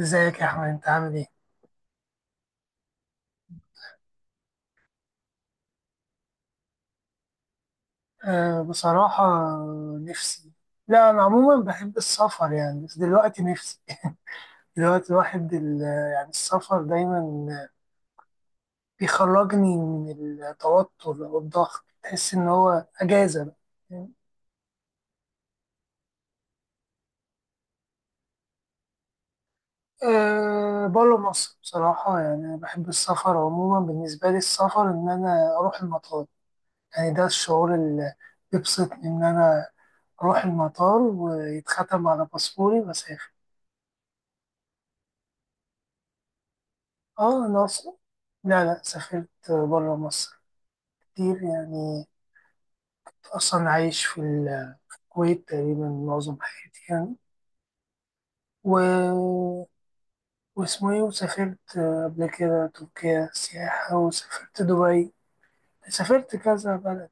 ازيك يا احمد، انت عامل ايه؟ أه، بصراحة. نفسي. لا، انا عموما بحب السفر يعني، بس دلوقتي نفسي. دلوقتي الواحد ال- يعني السفر دايما بيخرجني من التوتر او الضغط، تحس ان هو اجازة بقى. أه، بره مصر بصراحة. يعني أنا بحب السفر عموما، بالنسبة لي السفر إن أنا أروح المطار. يعني ده الشعور اللي بيبسطني، إن أنا أروح المطار ويتختم على باسبوري وأسافر. اه، الأقصر. لا، لا، سافرت برا مصر كتير يعني. كنت أصلا عايش في الكويت تقريبا معظم حياتي يعني. و... واسمه ايه، وسافرت قبل كده تركيا سياحة، وسافرت دبي. سافرت كذا بلد.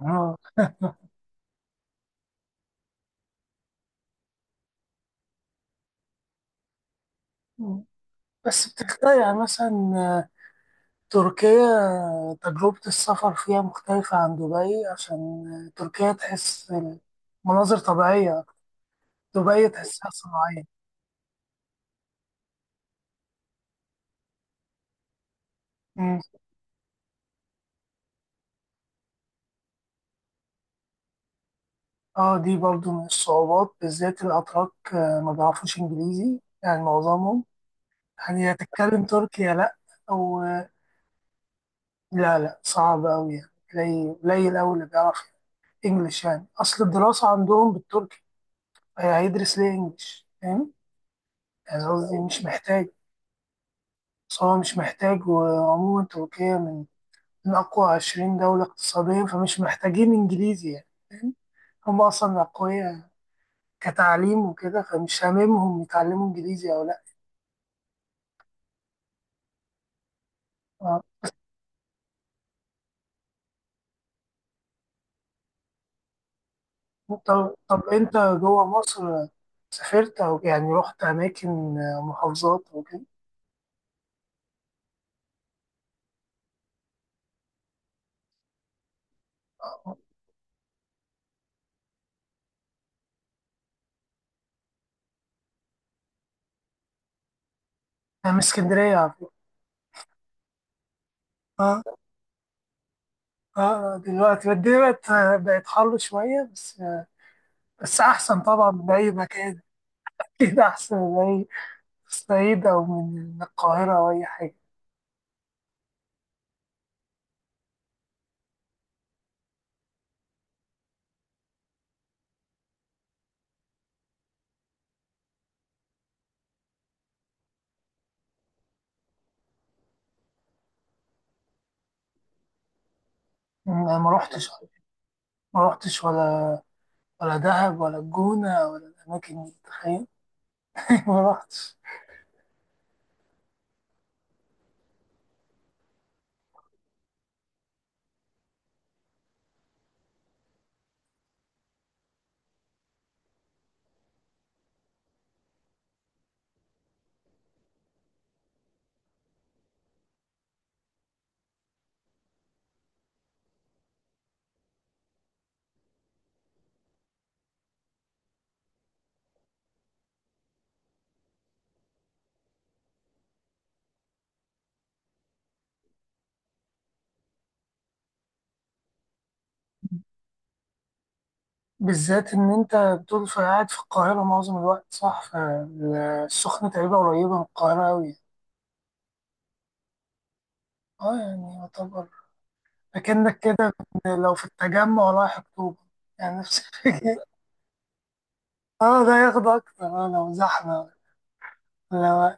اه، بس بتختلف يعني، مثلا تركيا تجربة السفر فيها مختلفة عن دبي، عشان تركيا تحس مناظر طبيعية. دبي تحسها صناعية. اه، دي برضو من الصعوبات، بالذات الأتراك، ما بيعرفوش إنجليزي يعني معظمهم. يعني يا تتكلم تركي يا لأ، أو آه، لا، لا، صعب أوي يعني. قليل قليل أوي اللي بيعرف إنجليش، يعني أصل الدراسة عندهم بالتركي. هيدرس ليه إنجليش، فاهم؟ يعني قصدي مش محتاج. بس هو مش محتاج، وعموما تركيا من أقوى 20 دولة اقتصاديا، فمش محتاجين إنجليزي، يعني فاهم. هم أصلا أقوياء كتعليم وكده، فمش هاممهم يتعلموا إنجليزي أو لأ. طب، طب، انت جوه مصر سافرت، او يعني رحت اماكن، محافظات وكده؟ انا من اسكندريه على فكره. اه، اه، دلوقتي الدنيا بقت حر شويه بس. بس احسن طبعا من اي مكان. اكيد احسن من اي الصعيد او من القاهره او اي حاجه. انا ما رحتش ولا دهب ولا الجونه ولا الاماكن دي، تخيل. ما رحتش. بالذات إن أنت بتقول في قاعد في القاهرة معظم الوقت، صح؟ فالسخنة تقريبا قريبة من القاهرة أوي. أه، يعني يعتبر أكنك كده لو في التجمع رايح أكتوبر. يعني نفس الفكرة. أه، ده ياخد أكتر، أه لو زحمة، لو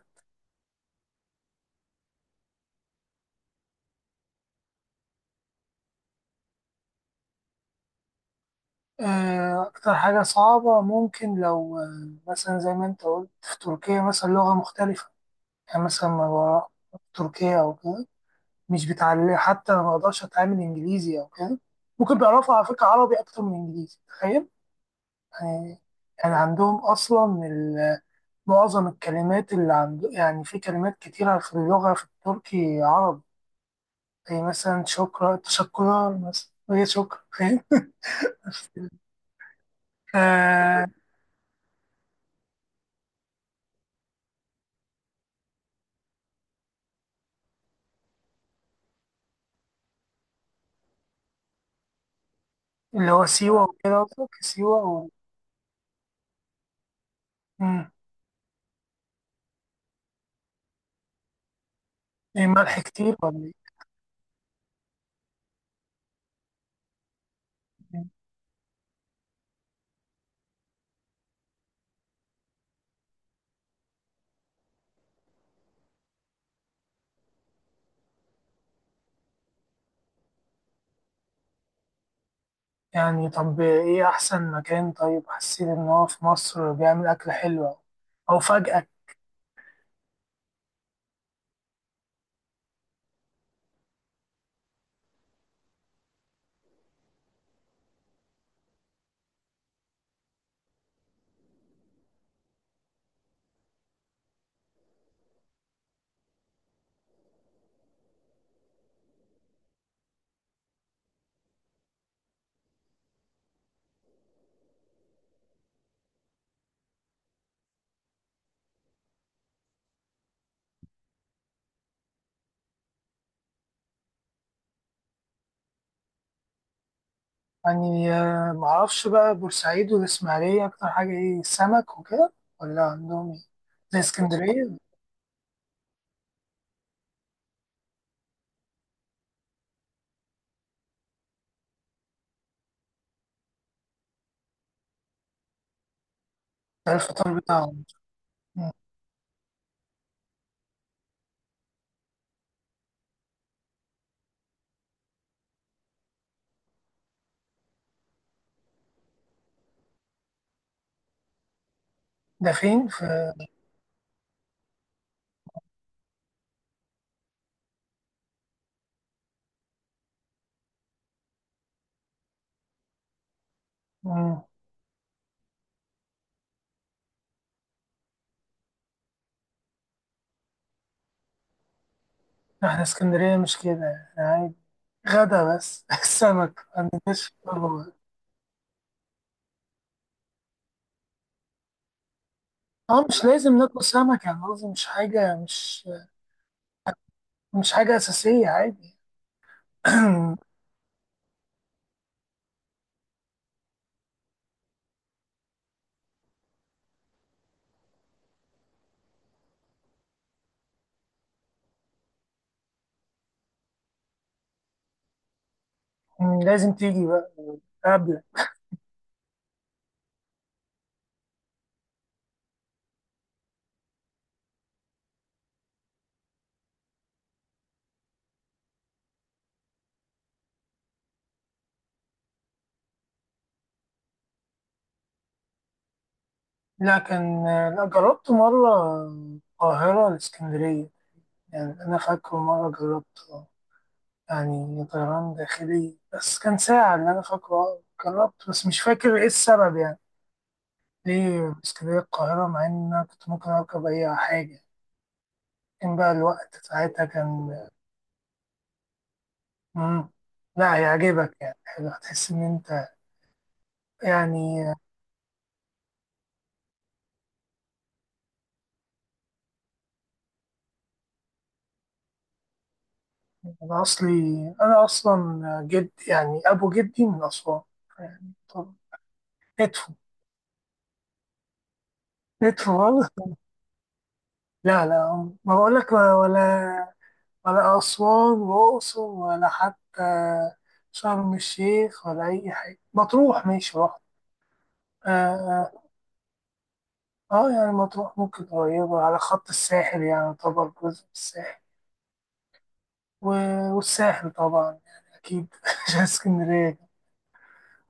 أكتر حاجة صعبة، ممكن لو مثلا زي ما أنت قلت في تركيا، مثلا لغة مختلفة. يعني مثلا ما بروح تركيا أو كده، مش بتعلم، حتى أنا ما أقدرش أتعامل إنجليزي أو كده. ممكن بيعرفوا على فكرة عربي أكتر من إنجليزي، تخيل يعني. يعني عندهم أصلا معظم الكلمات اللي عند، يعني في كلمات كتيرة في اللغة، في التركي عربي. زي مثلا شكرا تشكرا، مثلا وهي شكرا، فاهم. آه. اللي هو سيوة وكده، قصدك سيوة. مم. إيه، ملح كتير ولا إيه؟ يعني طب إيه أحسن مكان؟ طيب حسيت إن هو في مصر بيعمل أكل حلو، أو فجأة؟ يعني، معرفش بقى، بورسعيد والإسماعيلية أكتر حاجة إيه، سمك وكده، ولا عندهم إيه؟ زي اسكندرية؟ ده الفطار بتاعهم؟ مم. ده فين في. مم. إحنا اسكندرية مش كده، إحنا عادي، غدا بس السمك. مش. اه، مش لازم ناكل سمك، يعني قصدي مش حاجة، مش حاجة أساسية، عادي. مم، لازم تيجي بقى قبل. لا، كان. لا، جربت مرة القاهرة الإسكندرية. يعني أنا فاكره مرة جربت، يعني طيران داخلي، بس كان ساعة اللي أنا فاكره، جربت، بس مش فاكر إيه السبب، يعني ليه اسكندرية القاهرة، مع إن أنا كنت ممكن أركب أي حاجة. كان بقى الوقت ساعتها كان. مم. لا، هيعجبك، يعني حلو، هتحس إن أنت. يعني أنا أصلي، أنا أصلا جد يعني أبو جدي من أسوان. يعني طب ندفو ندفو والله. لا، لا، ما بقولك، ولا أسوان وأقصر، ولا حتى شرم الشيخ، ولا أي حاجة. مطروح ماشي رحت. آه، آه، آه يعني مطروح ممكن قريبة على خط الساحل، يعني طبعا جزء من الساحل. والساحل طبعا، يعني أكيد عشان اسكندرية.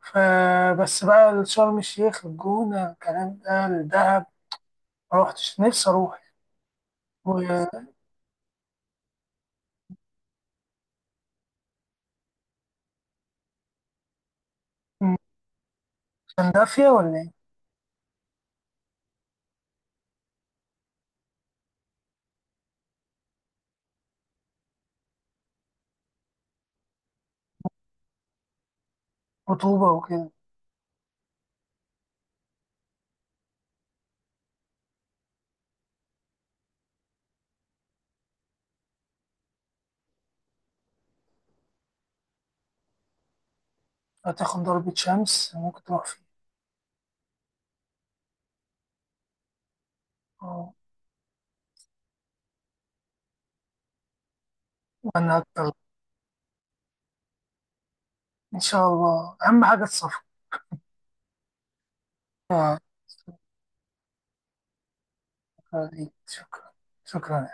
فبس بقى شرم الشيخ، الجونة، الكلام ده، الدهب ما روحتش، نفسي أروح. و- كان دافية ولا إيه؟ رطوبة وكده. هتاخد ضربة شمس، ممكن تروح فيه. آه، وأنا أكتر. إن شاء الله، أهم حاجة السفر. آه، شكرا ليك، شكرا، شكرا.